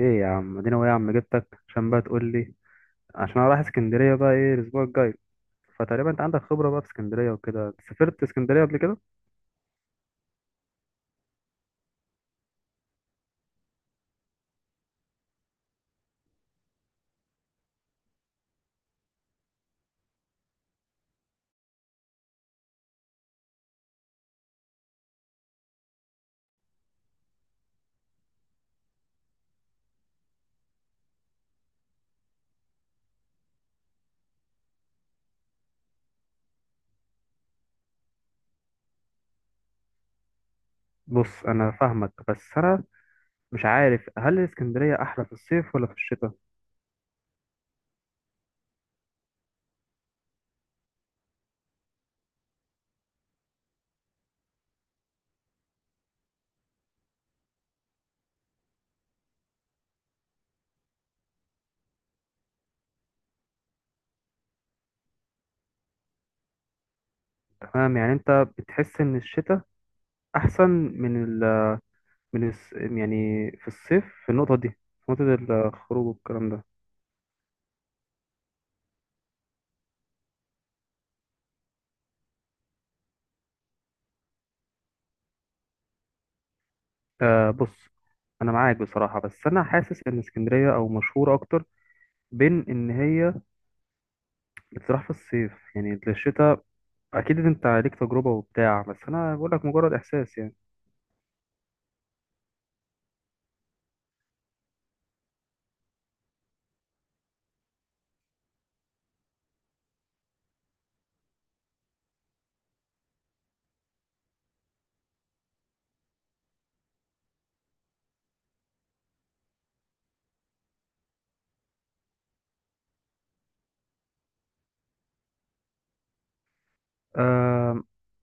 ايه يا عم ادينا ايه يا عم جبتك عشان بقى تقول لي. عشان انا رايح اسكندريه بقى ايه الاسبوع الجاي. فتقريبا انت عندك خبره بقى في اسكندريه وكده، سافرت اسكندريه قبل كده؟ بص انا فاهمك، بس انا مش عارف هل اسكندريه احلى في الصيف ولا في الشتاء. تمام، يعني انت بتحس ان الشتاء احسن من ال، من الس يعني في الصيف، في النقطه دي، في نقطه الخروج والكلام ده. آه بص، انا معاك بصراحه، بس انا حاسس ان اسكندريه او مشهوره اكتر بين ان هي بتروح في الصيف يعني. الشتاء اكيد انت ليك تجربة وبتاع، بس انا بقول لك مجرد احساس يعني. أه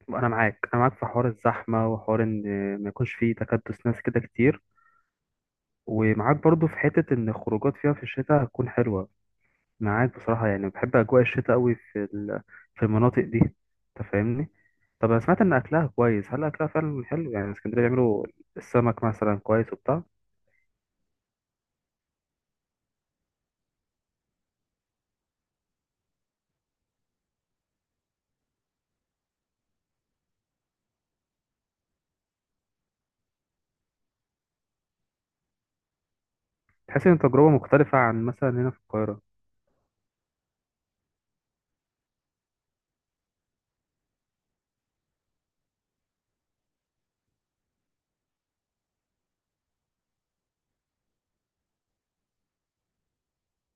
انا معاك، انا معاك في حوار الزحمة وحوار ان ما يكونش فيه تكدس ناس كده كتير، ومعاك برضو في حتة ان الخروجات فيها في الشتاء هتكون حلوة. معاك بصراحة، يعني بحب اجواء الشتاء قوي في في المناطق دي، انت فاهمني. طب انا سمعت ان اكلها كويس، هل اكلها فعلا حلو يعني؟ اسكندرية بيعملوا السمك مثلا كويس وبتاع؟ تحس ان تجربة مختلفة عن مثلا هنا في القاهرة؟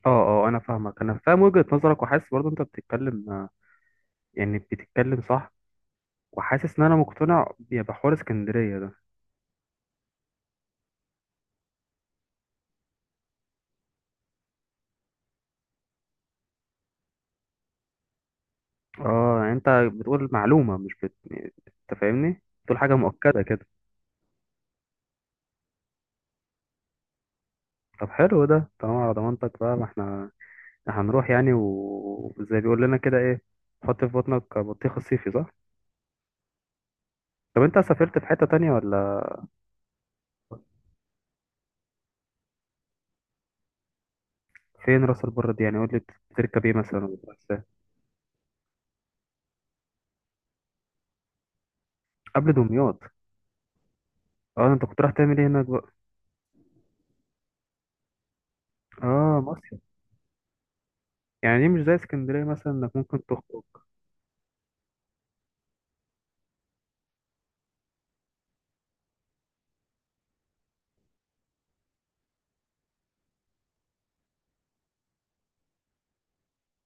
اه. اه انا فاهمك، انا فاهم وجهة نظرك، وحاسس برضه انت بتتكلم، يعني بتتكلم صح، وحاسس ان انا مقتنع يا بحوار اسكندرية ده. اه يعني انت بتقول معلومة مش انت فاهمني، بتقول حاجة مؤكدة كده. طب حلو ده طالما على ضمانتك بقى، ما احنا إحنا هنروح يعني وزي بيقول لنا كده ايه، حط في بطنك بطيخ الصيفي، صح؟ طب انت سافرت في حتة تانية ولا؟ فين راس البر دي يعني؟ قول لي، بتركب ايه مثلا ولا بتروح إزاي؟ قبل دمياط. اه انت كنت رايح تعمل ايه هناك بقى؟ اه مصيف، يعني دي مش زي اسكندرية مثلا انك ممكن تخرج؟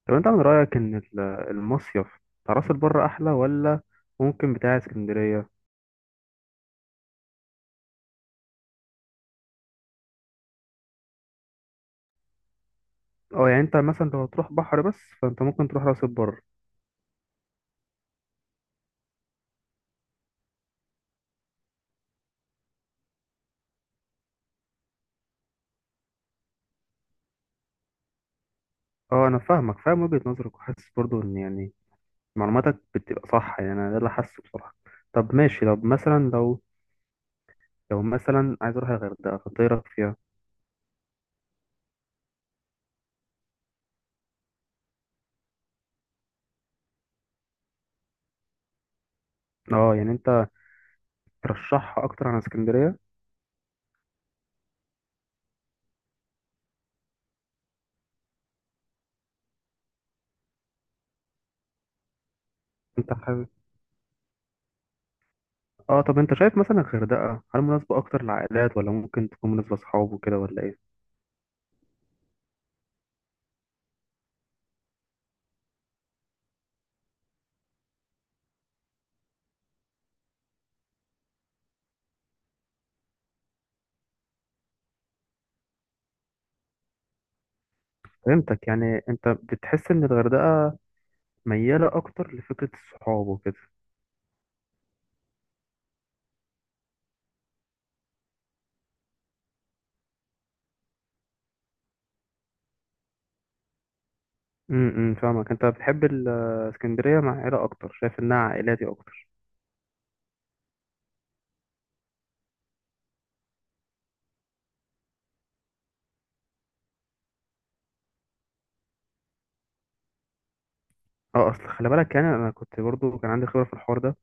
طب انت من رأيك ان المصيف بتاع راس البر احلى ولا ممكن بتاع اسكندرية؟ اه يعني انت مثلا لو هتروح بحر بس، فانت ممكن تروح راس البر. اه انا فاهمك، فاهم وجهة نظرك، وحاسس برضو ان يعني معلوماتك بتبقى صح، يعني انا ده اللي حاسه بصراحة. طب ماشي، طب مثلا لو، لو مثلا عايز اروح الغردقة، فانت ايه رأيك فيها؟ اه يعني انت ترشحها اكتر عن اسكندرية؟ انت حابب، اه طب انت شايف مثلا الغردقة هل مناسبة اكتر للعائلات ولا ممكن تكون مناسبة لاصحاب وكده ولا ايه؟ فهمتك، يعني انت بتحس ان الغردقة ميالة اكتر لفكرة الصحاب وكده. فاهمك، انت بتحب الاسكندرية مع عيلة اكتر، شايف انها عائلاتي اكتر. اه اصل خلي بالك، يعني انا كنت برضو كان عندي خبرة في الحوار ده،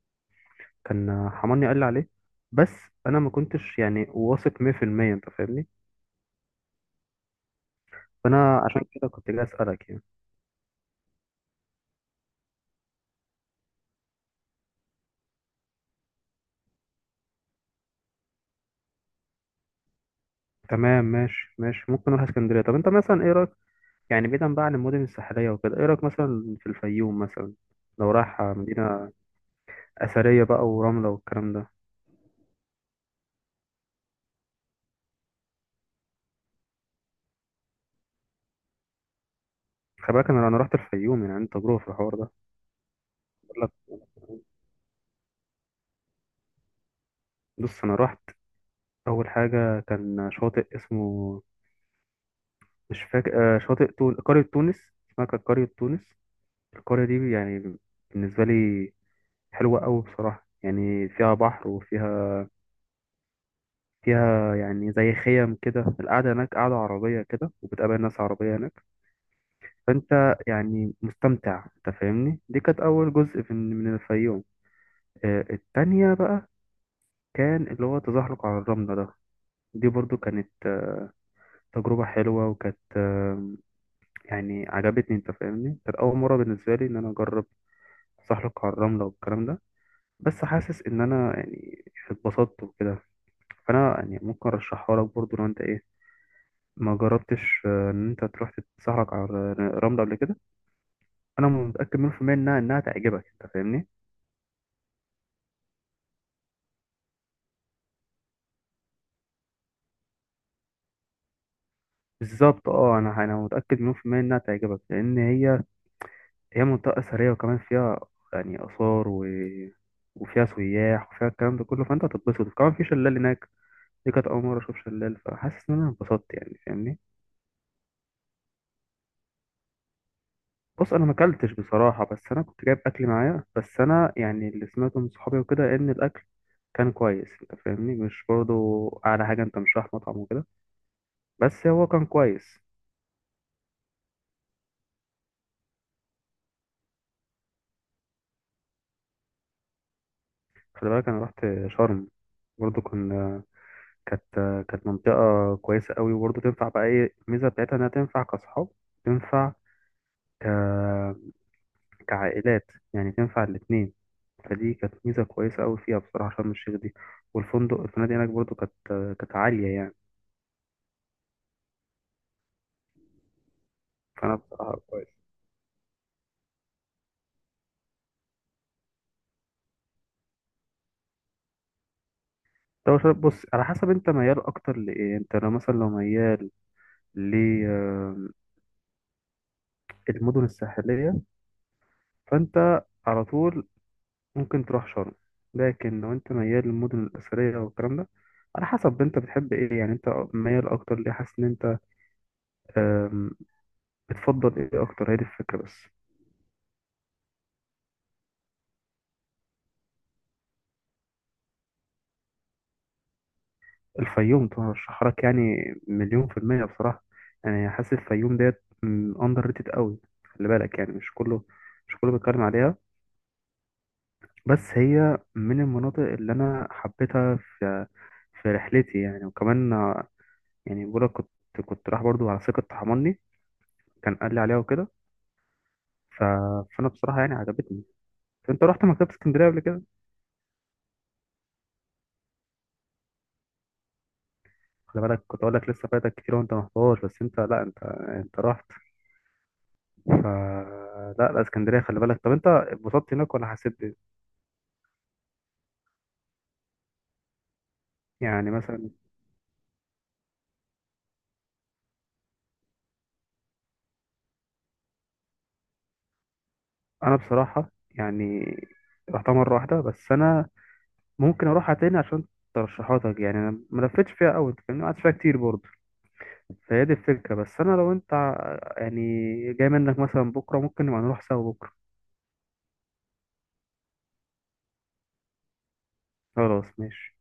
كان حماني قال لي عليه، بس انا ما كنتش يعني واثق 100% انت فاهمني. فانا عشان كده كنت جاي اسالك يعني. تمام ماشي ماشي، ممكن نروح اسكندرية. طب انت مثلا ايه رايك، يعني بعيدا بقى عن المدن الساحلية وكده، ايه رايك مثلا في الفيوم مثلا؟ لو رايح مدينة اثريه بقى ورمله والكلام ده. خلي بالك انا رحت الفيوم، يعني عندي تجربه في الحوار ده. بقول لك، بص انا رحت، اول حاجه كان شاطئ اسمه، مش فاكر، شاطئ قريه تونس، اسمها كانت قريه تونس. القريه دي يعني بالنسبه لي حلوه قوي بصراحه، يعني فيها بحر وفيها، فيها يعني زي خيم كده، القعده هناك قعده عربيه كده، وبتقابل ناس عربيه هناك. فانت يعني مستمتع، انت فاهمني. دي كانت اول جزء من الفيوم. التانية بقى كان اللي هو تزحلق على الرملة ده. دي برضو كانت، تجربة حلوة، وكانت، يعني عجبتني، انت فاهمني. كانت أول مرة بالنسبة لي إن أنا أجرب تزحلق على الرملة والكلام ده. بس حاسس إن أنا يعني اتبسطت وكده. فأنا يعني ممكن أرشحها لك برضو لو أنت إيه، ما جربتش، إن أنت تروح تتزحلق على الرملة قبل كده. أنا متأكد مليون% إنها تعجبك، أنت فاهمني. بالظبط، أه أنا متأكد مليون في المية إنها تعجبك، لأن هي هي منطقة أثرية، وكمان فيها يعني آثار وفيها سياح وفيها الكلام ده كله، فأنت هتتبسط. كمان في شلال هناك، دي كانت أول مرة أشوف شلال، فحاسس إن أنا اتبسطت يعني، فاهمني. بص أنا ما أكلتش بصراحة، بس أنا كنت جايب أكل معايا، بس أنا يعني اللي سمعته من صحابي وكده إن الأكل كان كويس، أنت فاهمني. مش برضه أعلى حاجة، أنت مش رايح مطعم وكده، بس هو كان كويس. خلي بالك أنا رحت شرم، برضه كان، كانت كانت منطقة كويسة قوي، وبرضه تنفع بقى. ايه الميزة بتاعتها، انها تنفع كأصحاب، تنفع ك... كعائلات يعني، تنفع الاتنين. فدي كانت ميزة كويسة قوي فيها بصراحة شرم الشيخ دي. والفندق الفنادق هناك برضه كانت، كانت عالية يعني. فأنا بصراحة كويس. طب بص، على حسب انت ميال اكتر لايه. انت لو مثلا لو ميال للمدن الساحلية، فانت على طول ممكن تروح شرم. لكن لو انت ميال للمدن الأثرية والكلام ده، على حسب انت بتحب ايه يعني. انت ميال اكتر ليه، حاسس ان انت، آم، بتفضل ايه اكتر، هي دي الفكرة بس. الفيوم ترشح لك يعني مليون% بصراحة. يعني حاسس الفيوم ديت اندر ريتد قوي. خلي بالك يعني مش كله بيتكلم عليها، بس هي من المناطق اللي انا حبيتها في في رحلتي يعني. وكمان يعني بقولك كنت رايح برضو على ثقة حماني، كان قال لي عليها وكده. ف... فانا بصراحه يعني عجبتني. انت رحت مكتبه اسكندريه قبل كده؟ خلي بالك كنت اقول لك لسه فايتك كتير وانت ما رحتهاش، بس انت لا انت، انت رحت. ف لا لا اسكندريه، خلي بالك. طب انت اتبسطت هناك ولا حسيت بإيه؟ يعني مثلا. انا بصراحه يعني رحتها مره واحده، بس انا ممكن اروحها تاني عشان ترشيحاتك يعني. انا ما لفتش فيها قوي، انت فاهمني، ما قعدتش فيها كتير برضه. فهي دي الفكره بس. انا لو انت يعني جاي منك مثلا بكره، ممكن نبقى نروح سوا بكره. خلاص ماشي.